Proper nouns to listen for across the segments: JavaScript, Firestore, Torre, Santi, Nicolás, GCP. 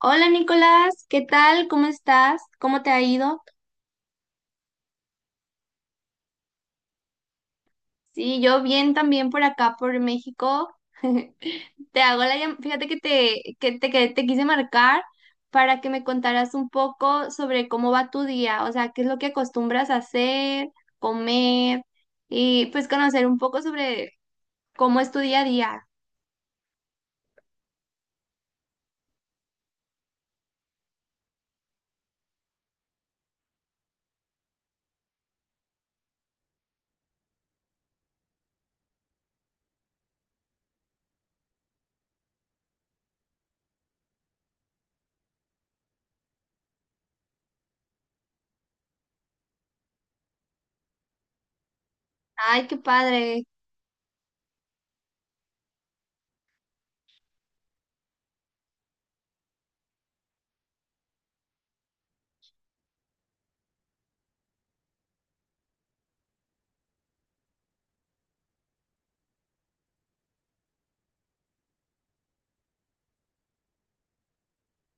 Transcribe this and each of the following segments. Hola Nicolás, ¿qué tal? ¿Cómo estás? ¿Cómo te ha ido? Sí, yo bien también por acá, por México. Te hago la llam- Fíjate que te quise marcar para que me contaras un poco sobre cómo va tu día, o sea, qué es lo que acostumbras a hacer, comer y pues conocer un poco sobre cómo es tu día a día. Ay, qué padre.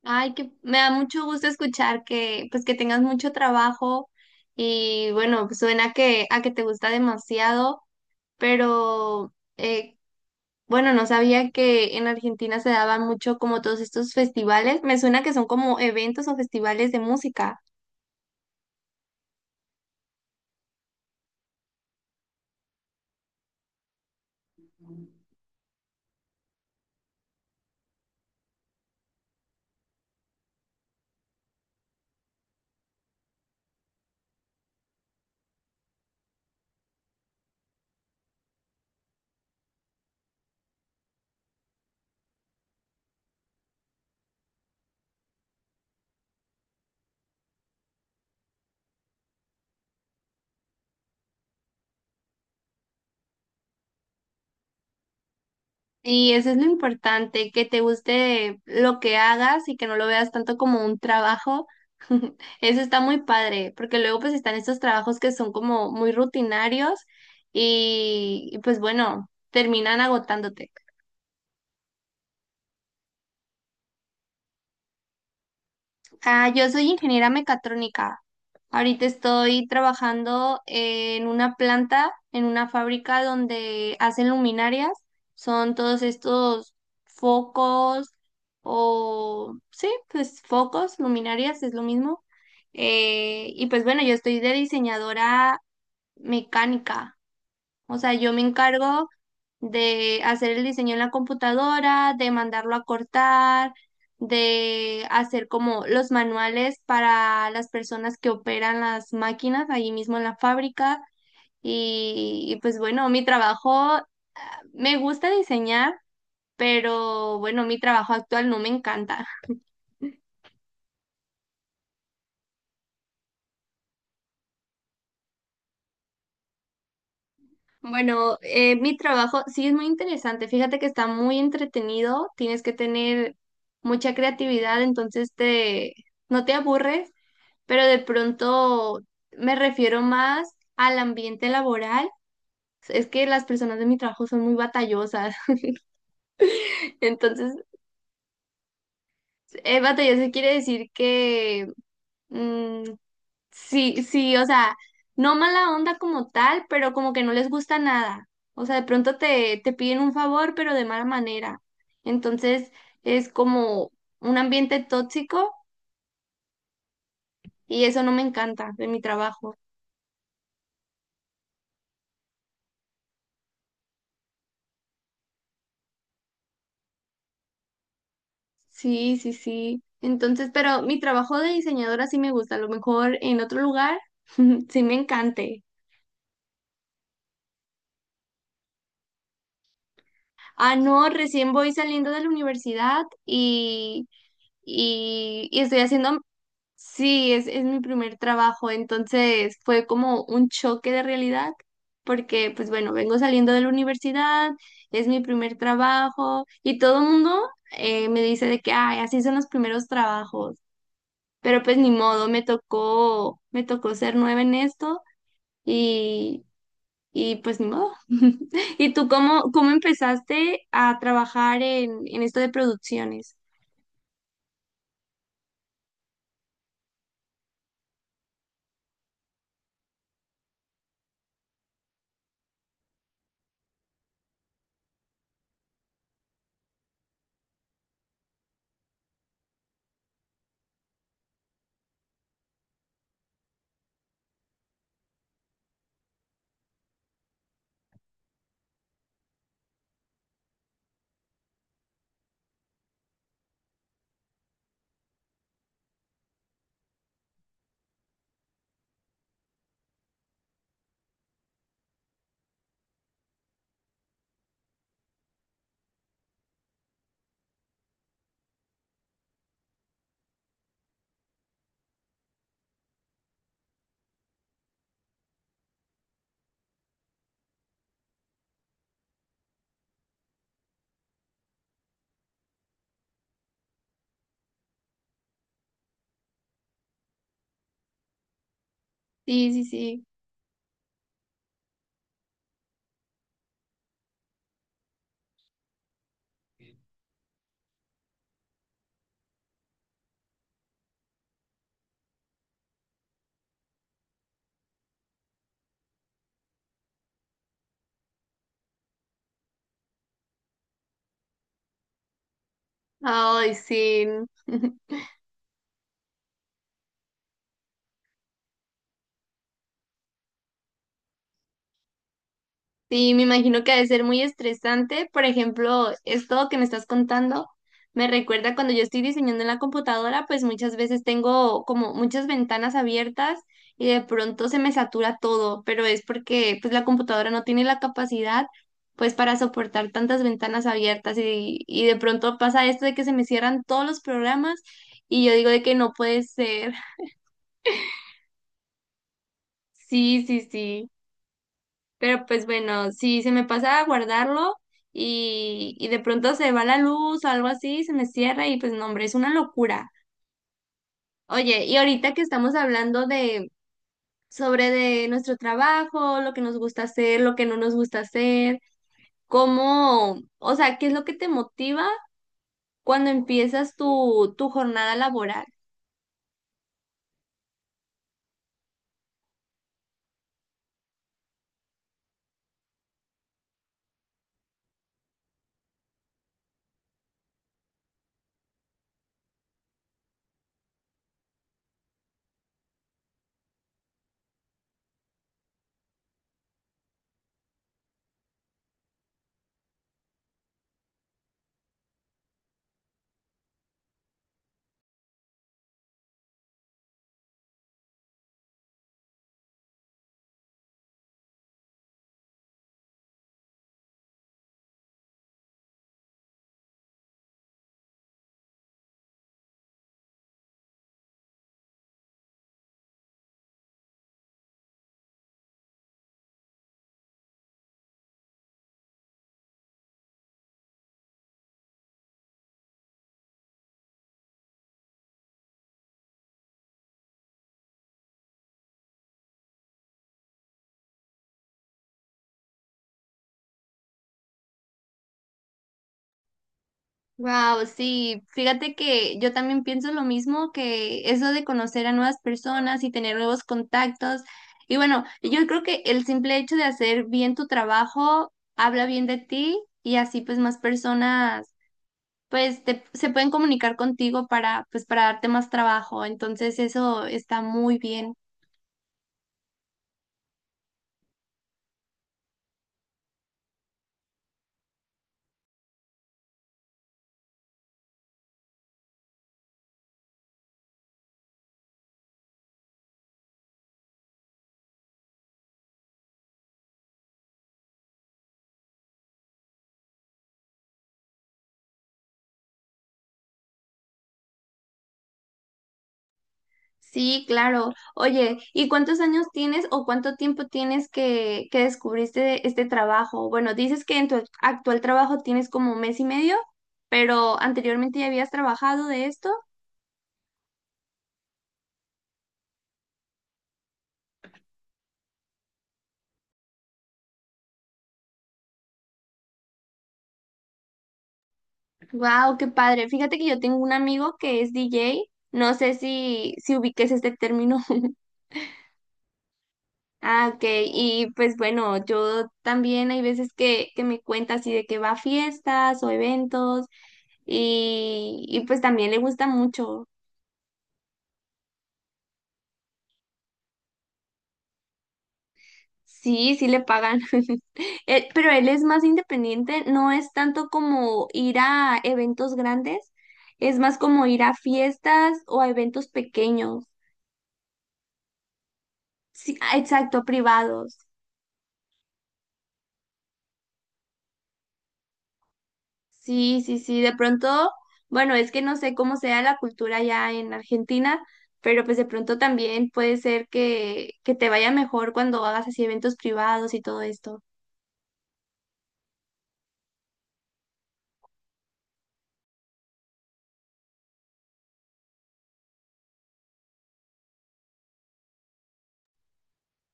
Ay, que me da mucho gusto escuchar que pues que tengas mucho trabajo y bueno, pues, suena que a que te gusta demasiado, pero bueno, no sabía que en Argentina se daban mucho como todos estos festivales. Me suena que son como eventos o festivales de música. Y eso es lo importante, que te guste lo que hagas y que no lo veas tanto como un trabajo. Eso está muy padre, porque luego pues están estos trabajos que son como muy rutinarios y pues bueno, terminan agotándote. Ah, yo soy ingeniera mecatrónica. Ahorita estoy trabajando en una planta, en una fábrica donde hacen luminarias. Son todos estos focos o, sí, pues focos, luminarias, es lo mismo. Y pues bueno, yo estoy de diseñadora mecánica. O sea, yo me encargo de hacer el diseño en la computadora, de mandarlo a cortar, de hacer como los manuales para las personas que operan las máquinas ahí mismo en la fábrica. Y pues bueno, mi trabajo, me gusta diseñar, pero bueno, mi trabajo actual no me encanta. Bueno, mi trabajo sí es muy interesante. Fíjate que está muy entretenido, tienes que tener mucha creatividad, entonces te... No te aburres, pero de pronto me refiero más al ambiente laboral. Es que las personas de mi trabajo son muy batallosas. Entonces, batallosa quiere decir que mm, sí, sí, o sea, no mala onda como tal, pero como que no les gusta nada. O sea, de pronto te piden un favor, pero de mala manera. Entonces, es como un ambiente tóxico y eso no me encanta de mi trabajo. Sí, sí, sí. Entonces, pero mi trabajo de diseñadora sí me gusta. A lo mejor en otro lugar sí me encante. Ah, no, recién voy saliendo de la universidad y estoy haciendo, sí, es mi primer trabajo. Entonces fue como un choque de realidad porque, pues bueno, vengo saliendo de la universidad, es mi primer trabajo y todo el mundo me dice de que, ay, así son los primeros trabajos. Pero pues ni modo, me tocó ser nueva en esto y, y pues ni modo. ¿Y tú cómo empezaste a trabajar en esto de producciones? Sí, sí, sí. Ay, sí. Sí, me imagino que ha de ser muy estresante. Por ejemplo, esto que me estás contando me recuerda cuando yo estoy diseñando en la computadora, pues muchas veces tengo como muchas ventanas abiertas y de pronto se me satura todo, pero es porque pues la computadora no tiene la capacidad pues para soportar tantas ventanas abiertas y de pronto pasa esto de que se me cierran todos los programas y yo digo de que no puede ser. Sí, sí, sí. Pero pues bueno, si se me pasa a guardarlo y de pronto se va la luz o algo así, se me cierra y pues no, hombre, es una locura. Oye, y ahorita que estamos hablando de sobre de nuestro trabajo, lo que nos gusta hacer, lo que no nos gusta hacer, cómo, o sea, ¿qué es lo que te motiva cuando empiezas tu jornada laboral? Wow, sí, fíjate que yo también pienso lo mismo que eso de conocer a nuevas personas y tener nuevos contactos. Y bueno, yo creo que el simple hecho de hacer bien tu trabajo habla bien de ti y así pues más personas se pueden comunicar contigo para pues para darte más trabajo. Entonces eso está muy bien. Sí, claro. Oye, ¿y cuántos años tienes o cuánto tiempo tienes que descubriste este trabajo? Bueno, dices que en tu actual trabajo tienes como mes y medio, pero anteriormente ya habías trabajado de esto. Wow, qué padre. Fíjate que yo tengo un amigo que es DJ. No sé si ubiques este término. Ah, ok. Y pues bueno, yo también hay veces que me cuenta así de que va a fiestas o eventos y pues también le gusta mucho. Sí, sí le pagan. Pero él es más independiente, no es tanto como ir a eventos grandes, es más como ir a fiestas o a eventos pequeños. Sí, ah, exacto, privados. Sí, sí, sí, de pronto, bueno, es que no sé cómo sea la cultura ya en Argentina, pero pues de pronto también puede ser que te vaya mejor cuando hagas así eventos privados y todo esto.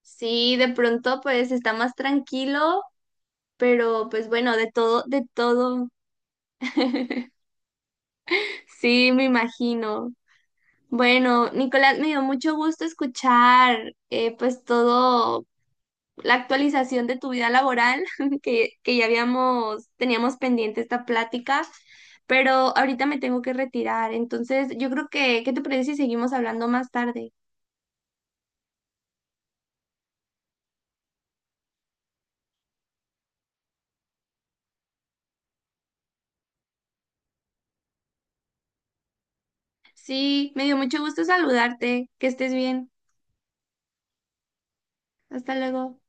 Sí, de pronto pues está más tranquilo. Pero pues bueno, de todo, de todo. Sí, me imagino. Bueno, Nicolás, me dio mucho gusto escuchar pues todo la actualización de tu vida laboral, que ya habíamos, teníamos pendiente esta plática, pero ahorita me tengo que retirar. Entonces, yo creo que, ¿qué te parece si seguimos hablando más tarde? Sí, me dio mucho gusto saludarte. Que estés bien. Hasta luego.